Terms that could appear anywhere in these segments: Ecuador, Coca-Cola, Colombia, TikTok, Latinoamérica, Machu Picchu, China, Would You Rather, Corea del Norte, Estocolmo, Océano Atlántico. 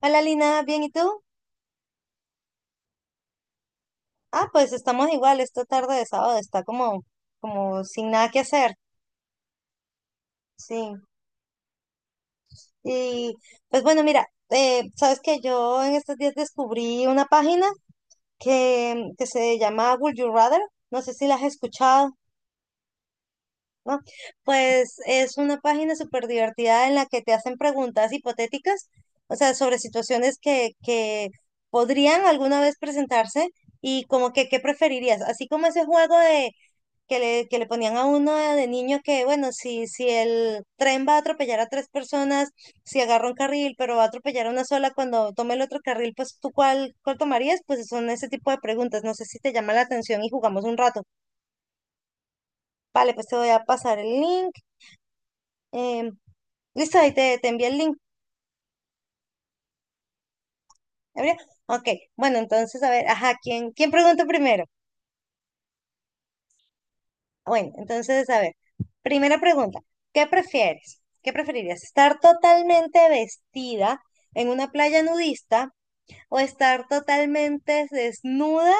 Hola, Lina, ¿bien y tú? Ah, pues estamos igual, esta tarde de sábado está como sin nada que hacer, sí. Y pues bueno, mira, sabes que yo en estos días descubrí una página que se llama Would You Rather, no sé si la has escuchado, ¿no? Pues es una página súper divertida en la que te hacen preguntas hipotéticas, o sea, sobre situaciones que podrían alguna vez presentarse y como que, ¿qué preferirías? Así como ese juego de que le ponían a uno de niño que, bueno, si el tren va a atropellar a tres personas, si agarra un carril, pero va a atropellar a una sola, cuando tome el otro carril, pues tú cuál tomarías, pues son ese tipo de preguntas. No sé si te llama la atención y jugamos un rato. Vale, pues te voy a pasar el link. em, listo, ahí te envié el link. ¿Gabriel? Ok, bueno, entonces, a ver, ajá, ¿quién pregunta primero? Bueno, entonces, a ver, primera pregunta, ¿qué prefieres? ¿Qué preferirías? ¿Estar totalmente vestida en una playa nudista o estar totalmente desnuda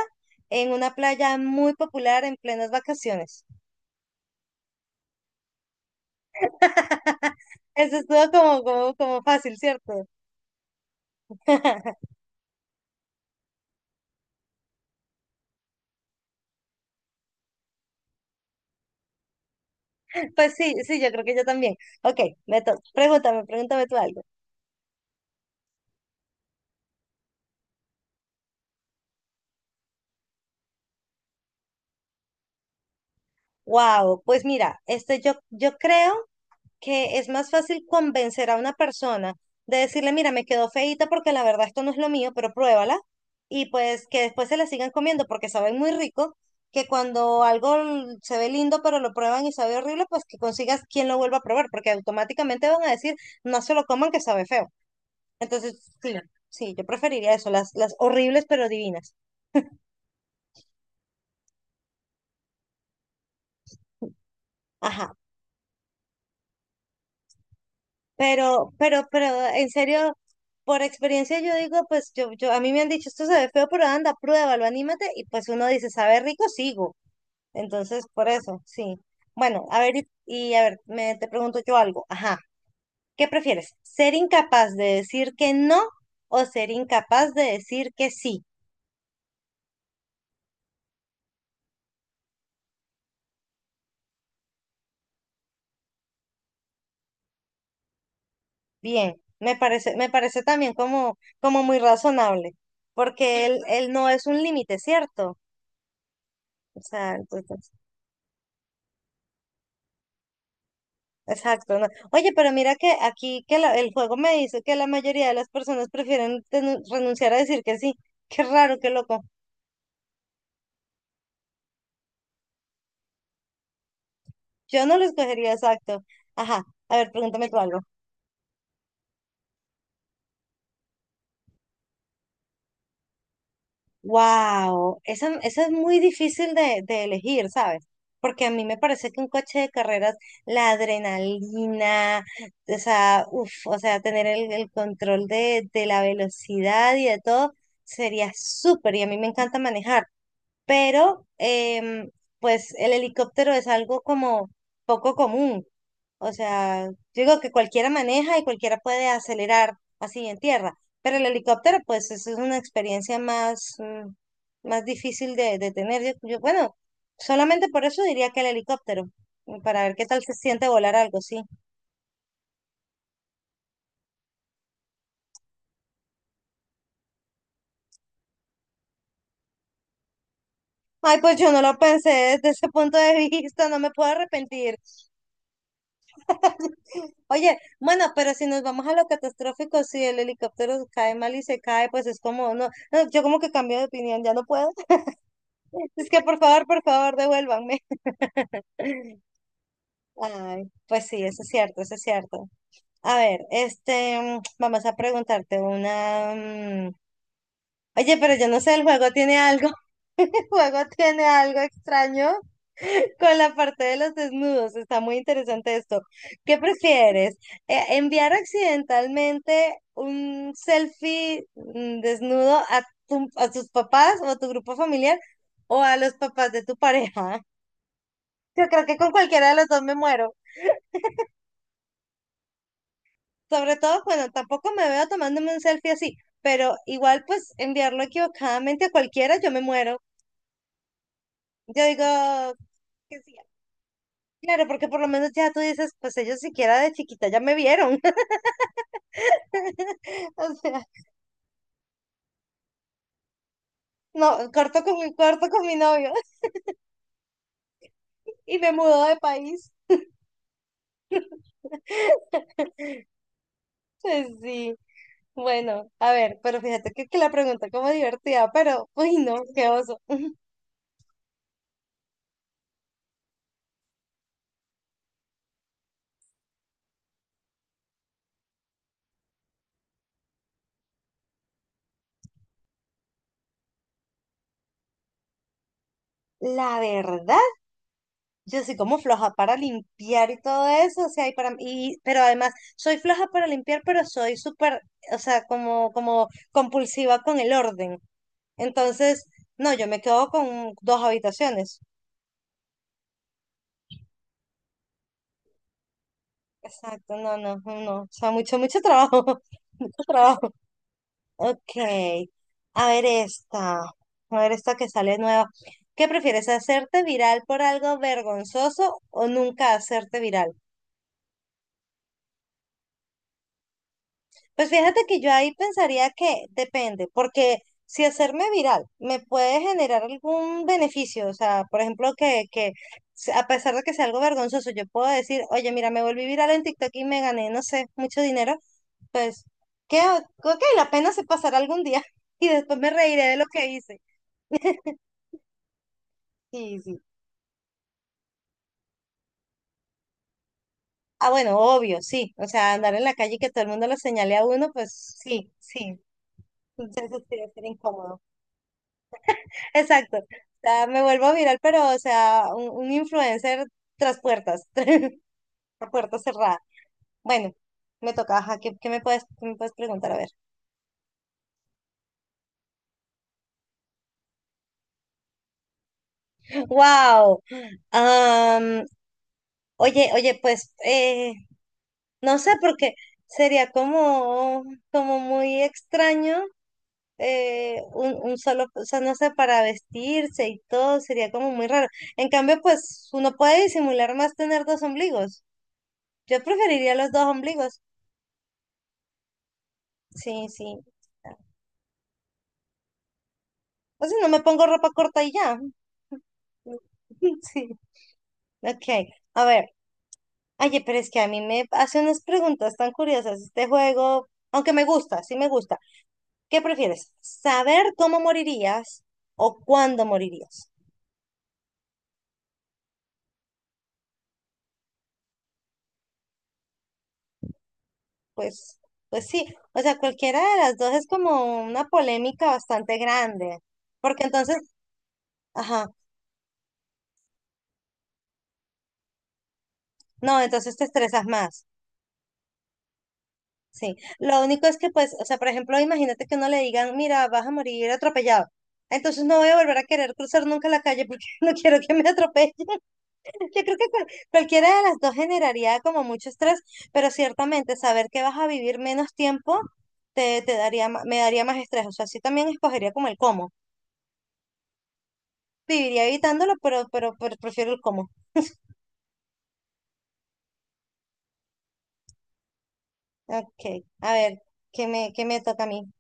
en una playa muy popular en plenas vacaciones? Eso estuvo como fácil, ¿cierto? Pues sí, sí, yo creo que yo también. Ok, pregúntame tú algo. Wow, pues mira, este, yo creo que es más fácil convencer a una persona de decirle, mira, me quedó feíta porque la verdad esto no es lo mío, pero pruébala. Y pues que después se la sigan comiendo porque saben muy rico, que cuando algo se ve lindo pero lo prueban y sabe horrible, pues que consigas quien lo vuelva a probar, porque automáticamente van a decir, no se lo coman que sabe feo. Entonces, sí, sí, yo preferiría eso, las horribles pero divinas. Ajá. Pero, en serio, por experiencia yo digo, pues yo, a mí me han dicho, esto se ve feo, pero anda, pruébalo, anímate, y pues uno dice, sabe rico, sigo. Entonces, por eso, sí. Bueno, a ver, y a ver, te pregunto yo algo. Ajá, ¿qué prefieres? ¿Ser incapaz de decir que no o ser incapaz de decir que sí? Bien, me parece también como muy razonable, porque él no es un límite, ¿cierto? O sea, entonces. Exacto, no. Oye, pero mira que aquí que el juego me dice que la mayoría de las personas prefieren renunciar a decir que sí. Qué raro, qué loco. Yo no lo escogería exacto. Ajá, a ver, pregúntame tú algo. Wow, esa es muy difícil de elegir, ¿sabes? Porque a mí me parece que un coche de carreras, la adrenalina, o sea, uf, o sea, tener el control de la velocidad y de todo sería súper. Y a mí me encanta manejar. Pero pues el helicóptero es algo como poco común. O sea, yo digo que cualquiera maneja y cualquiera puede acelerar así en tierra, pero el helicóptero pues eso es una experiencia más, más difícil de tener. Yo, bueno, solamente por eso diría que el helicóptero, para ver qué tal se siente volar algo, sí. Ay, pues yo no lo pensé desde ese punto de vista, no me puedo arrepentir. Oye, bueno, pero si nos vamos a lo catastrófico, si el helicóptero cae mal y se cae, pues es como, no, no, yo como que cambio de opinión, ya no puedo. Es que por favor, devuélvanme. Ay, pues sí, eso es cierto, eso es cierto. A ver, este, vamos a preguntarte una. Oye, pero yo no sé, el juego tiene algo. Juego tiene algo extraño con la parte de los desnudos. Está muy interesante esto. ¿Qué prefieres? ¿Enviar accidentalmente un selfie desnudo a tus papás o a tu grupo familiar o a los papás de tu pareja? Yo creo que con cualquiera de los dos me muero. Sobre todo, bueno, tampoco me veo tomándome un selfie así, pero igual pues enviarlo equivocadamente a cualquiera, yo me muero. Yo digo que sí. Claro, porque por lo menos ya tú dices, pues ellos siquiera de chiquita ya me vieron. O sea, no, corto con mi novio y me mudó de país. Pues sí, bueno, a ver, pero fíjate que, la pregunta como divertida, pero, uy, no, qué oso. La verdad, yo soy como floja para limpiar y todo eso, o sea, pero además, soy floja para limpiar, pero soy súper, o sea, como compulsiva con el orden. Entonces, no, yo me quedo con dos habitaciones. Exacto, no, no, no. O sea, mucho, mucho trabajo. Mucho trabajo. Ok. A ver esta. A ver esta que sale nueva. ¿Qué prefieres, hacerte viral por algo vergonzoso o nunca hacerte viral? Pues fíjate que yo ahí pensaría que depende, porque si hacerme viral me puede generar algún beneficio, o sea, por ejemplo, a pesar de que sea algo vergonzoso, yo puedo decir, oye, mira, me volví viral en TikTok y me gané, no sé, mucho dinero, pues, que, ok, la pena se pasará algún día y después me reiré de lo que hice. Sí, sí. Ah, bueno, obvio, sí, o sea, andar en la calle y que todo el mundo lo señale a uno, pues sí, sí, eso sí debe ser incómodo. Exacto. O sea, me vuelvo viral, pero, o sea, un influencer tras puertas, tras puertas cerradas. Bueno, me toca, ajá, ¿qué me puedes preguntar? A ver. Wow. Am, oye, oye, pues, no sé, porque sería como muy extraño un solo, o sea, no sé, para vestirse y todo, sería como muy raro. En cambio, pues, uno puede disimular más tener dos ombligos. Yo preferiría los dos ombligos. Sí, sí. Entonces no me pongo ropa corta y ya. Sí. Ok, a ver. Oye, pero es que a mí me hace unas preguntas tan curiosas este juego, aunque me gusta, sí me gusta. ¿Qué prefieres? ¿Saber cómo morirías o cuándo morirías? Pues, pues sí, o sea, cualquiera de las dos es como una polémica bastante grande, porque entonces, ajá, no, entonces te estresas más. Sí, lo único es que, pues, o sea, por ejemplo, imagínate que uno le digan, mira, vas a morir atropellado. Entonces no voy a volver a querer cruzar nunca la calle porque no quiero que me atropellen. Yo creo que cualquiera de las dos generaría como mucho estrés, pero ciertamente saber que vas a vivir menos tiempo te daría, me daría más estrés. O sea, sí también escogería como el cómo. Viviría evitándolo, pero prefiero el cómo. Ok, a ver, ¿qué me toca a mí?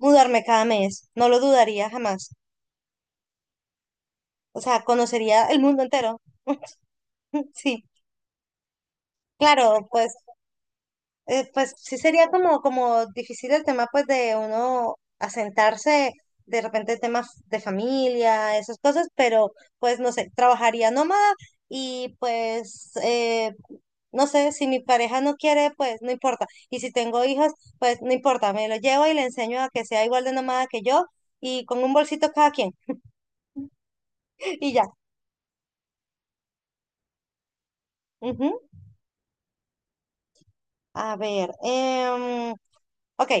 Mudarme cada mes, no lo dudaría jamás. O sea, conocería el mundo entero. Sí, claro, pues, pues sí sería como difícil el tema pues de uno asentarse de repente temas de familia, esas cosas, pero pues no sé, trabajaría nómada y pues no sé, si mi pareja no quiere, pues no importa. Y si tengo hijos, pues no importa, me lo llevo y le enseño a que sea igual de nómada que yo y con un bolsito cada quien. Y ya. Ujú. A ver, ok,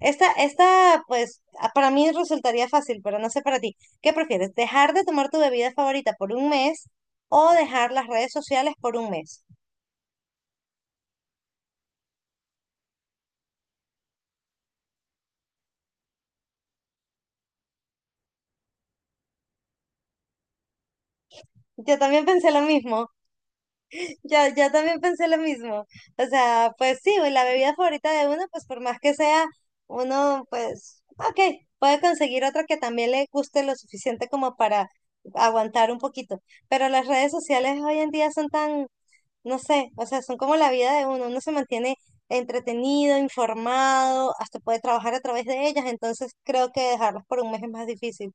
esta, pues, para mí resultaría fácil, pero no sé para ti. ¿Qué prefieres? ¿Dejar de tomar tu bebida favorita por un mes o dejar las redes sociales por un mes? Yo también pensé lo mismo, yo también pensé lo mismo. O sea, pues sí, güey, la bebida favorita de uno, pues por más que sea, uno, pues, ok, puede conseguir otra que también le guste lo suficiente como para aguantar un poquito. Pero las redes sociales hoy en día son tan no sé, o sea, son como la vida de uno, uno se mantiene entretenido, informado, hasta puede trabajar a través de ellas, entonces creo que dejarlas por un mes es más difícil.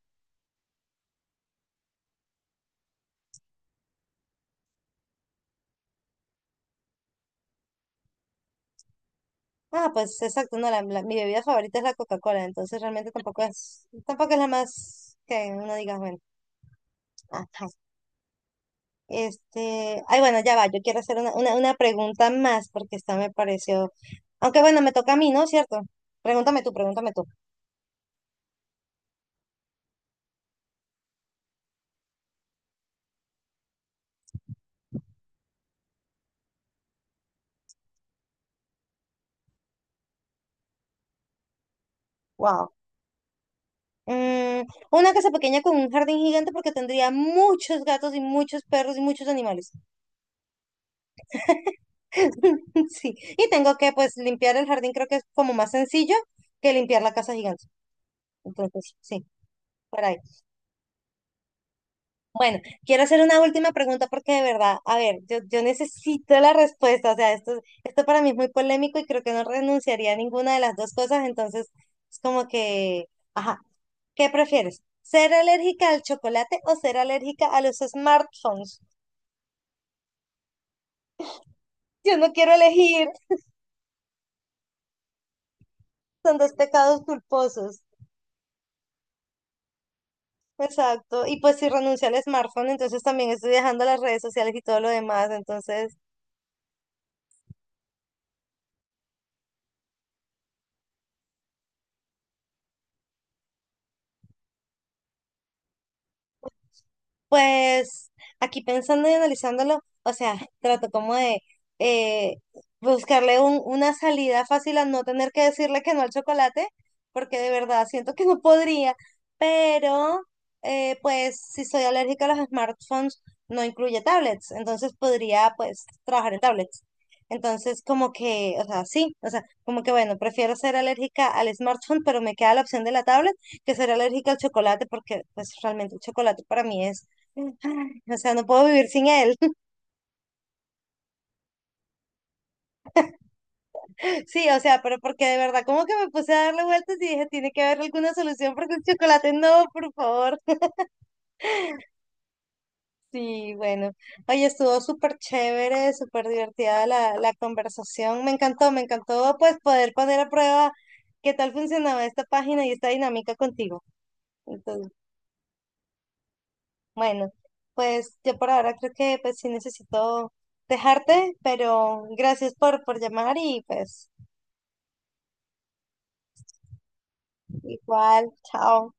Ah, pues exacto, no, mi bebida favorita es la Coca-Cola, entonces realmente tampoco es, la más que uno diga, bueno, ajá. Este, ay, bueno, ya va, yo quiero hacer una pregunta más porque esta me pareció, aunque bueno, me toca a mí, ¿no? ¿Cierto? Pregúntame tú, pregúntame tú. Wow. Mm, una casa pequeña con un jardín gigante porque tendría muchos gatos y muchos perros y muchos animales. Sí, y tengo que pues limpiar el jardín, creo que es como más sencillo que limpiar la casa gigante. Entonces, sí, por ahí. Bueno, quiero hacer una última pregunta porque de verdad, a ver, yo necesito la respuesta, o sea, esto para mí es muy polémico y creo que no renunciaría a ninguna de las dos cosas, entonces es como que, ajá, ¿qué prefieres? ¿Ser alérgica al chocolate o ser alérgica a los smartphones? Yo no quiero elegir, son dos pecados culposos. Exacto. Y pues si renuncio al smartphone, entonces también estoy dejando las redes sociales y todo lo demás. Entonces. Pues aquí pensando y analizándolo, o sea, trato como de eh, buscarle una salida fácil a no tener que decirle que no al chocolate, porque de verdad siento que no podría, pero pues si soy alérgica a los smartphones, no incluye tablets, entonces podría pues trabajar en tablets. Entonces como que, o sea, sí, o sea, como que bueno, prefiero ser alérgica al smartphone, pero me queda la opción de la tablet que ser alérgica al chocolate, porque pues realmente el chocolate para mí es Ay, o sea, no puedo vivir sin él. Sí, o sea, pero porque de verdad, como que me puse a darle vueltas y dije, tiene que haber alguna solución porque el chocolate no, por favor. Sí, bueno. Oye, estuvo súper chévere, súper divertida la conversación. Me encantó pues poder poner a prueba qué tal funcionaba esta página y esta dinámica contigo. Entonces, bueno, pues yo por ahora creo que pues sí necesito dejarte, pero gracias por llamar y pues igual, chao.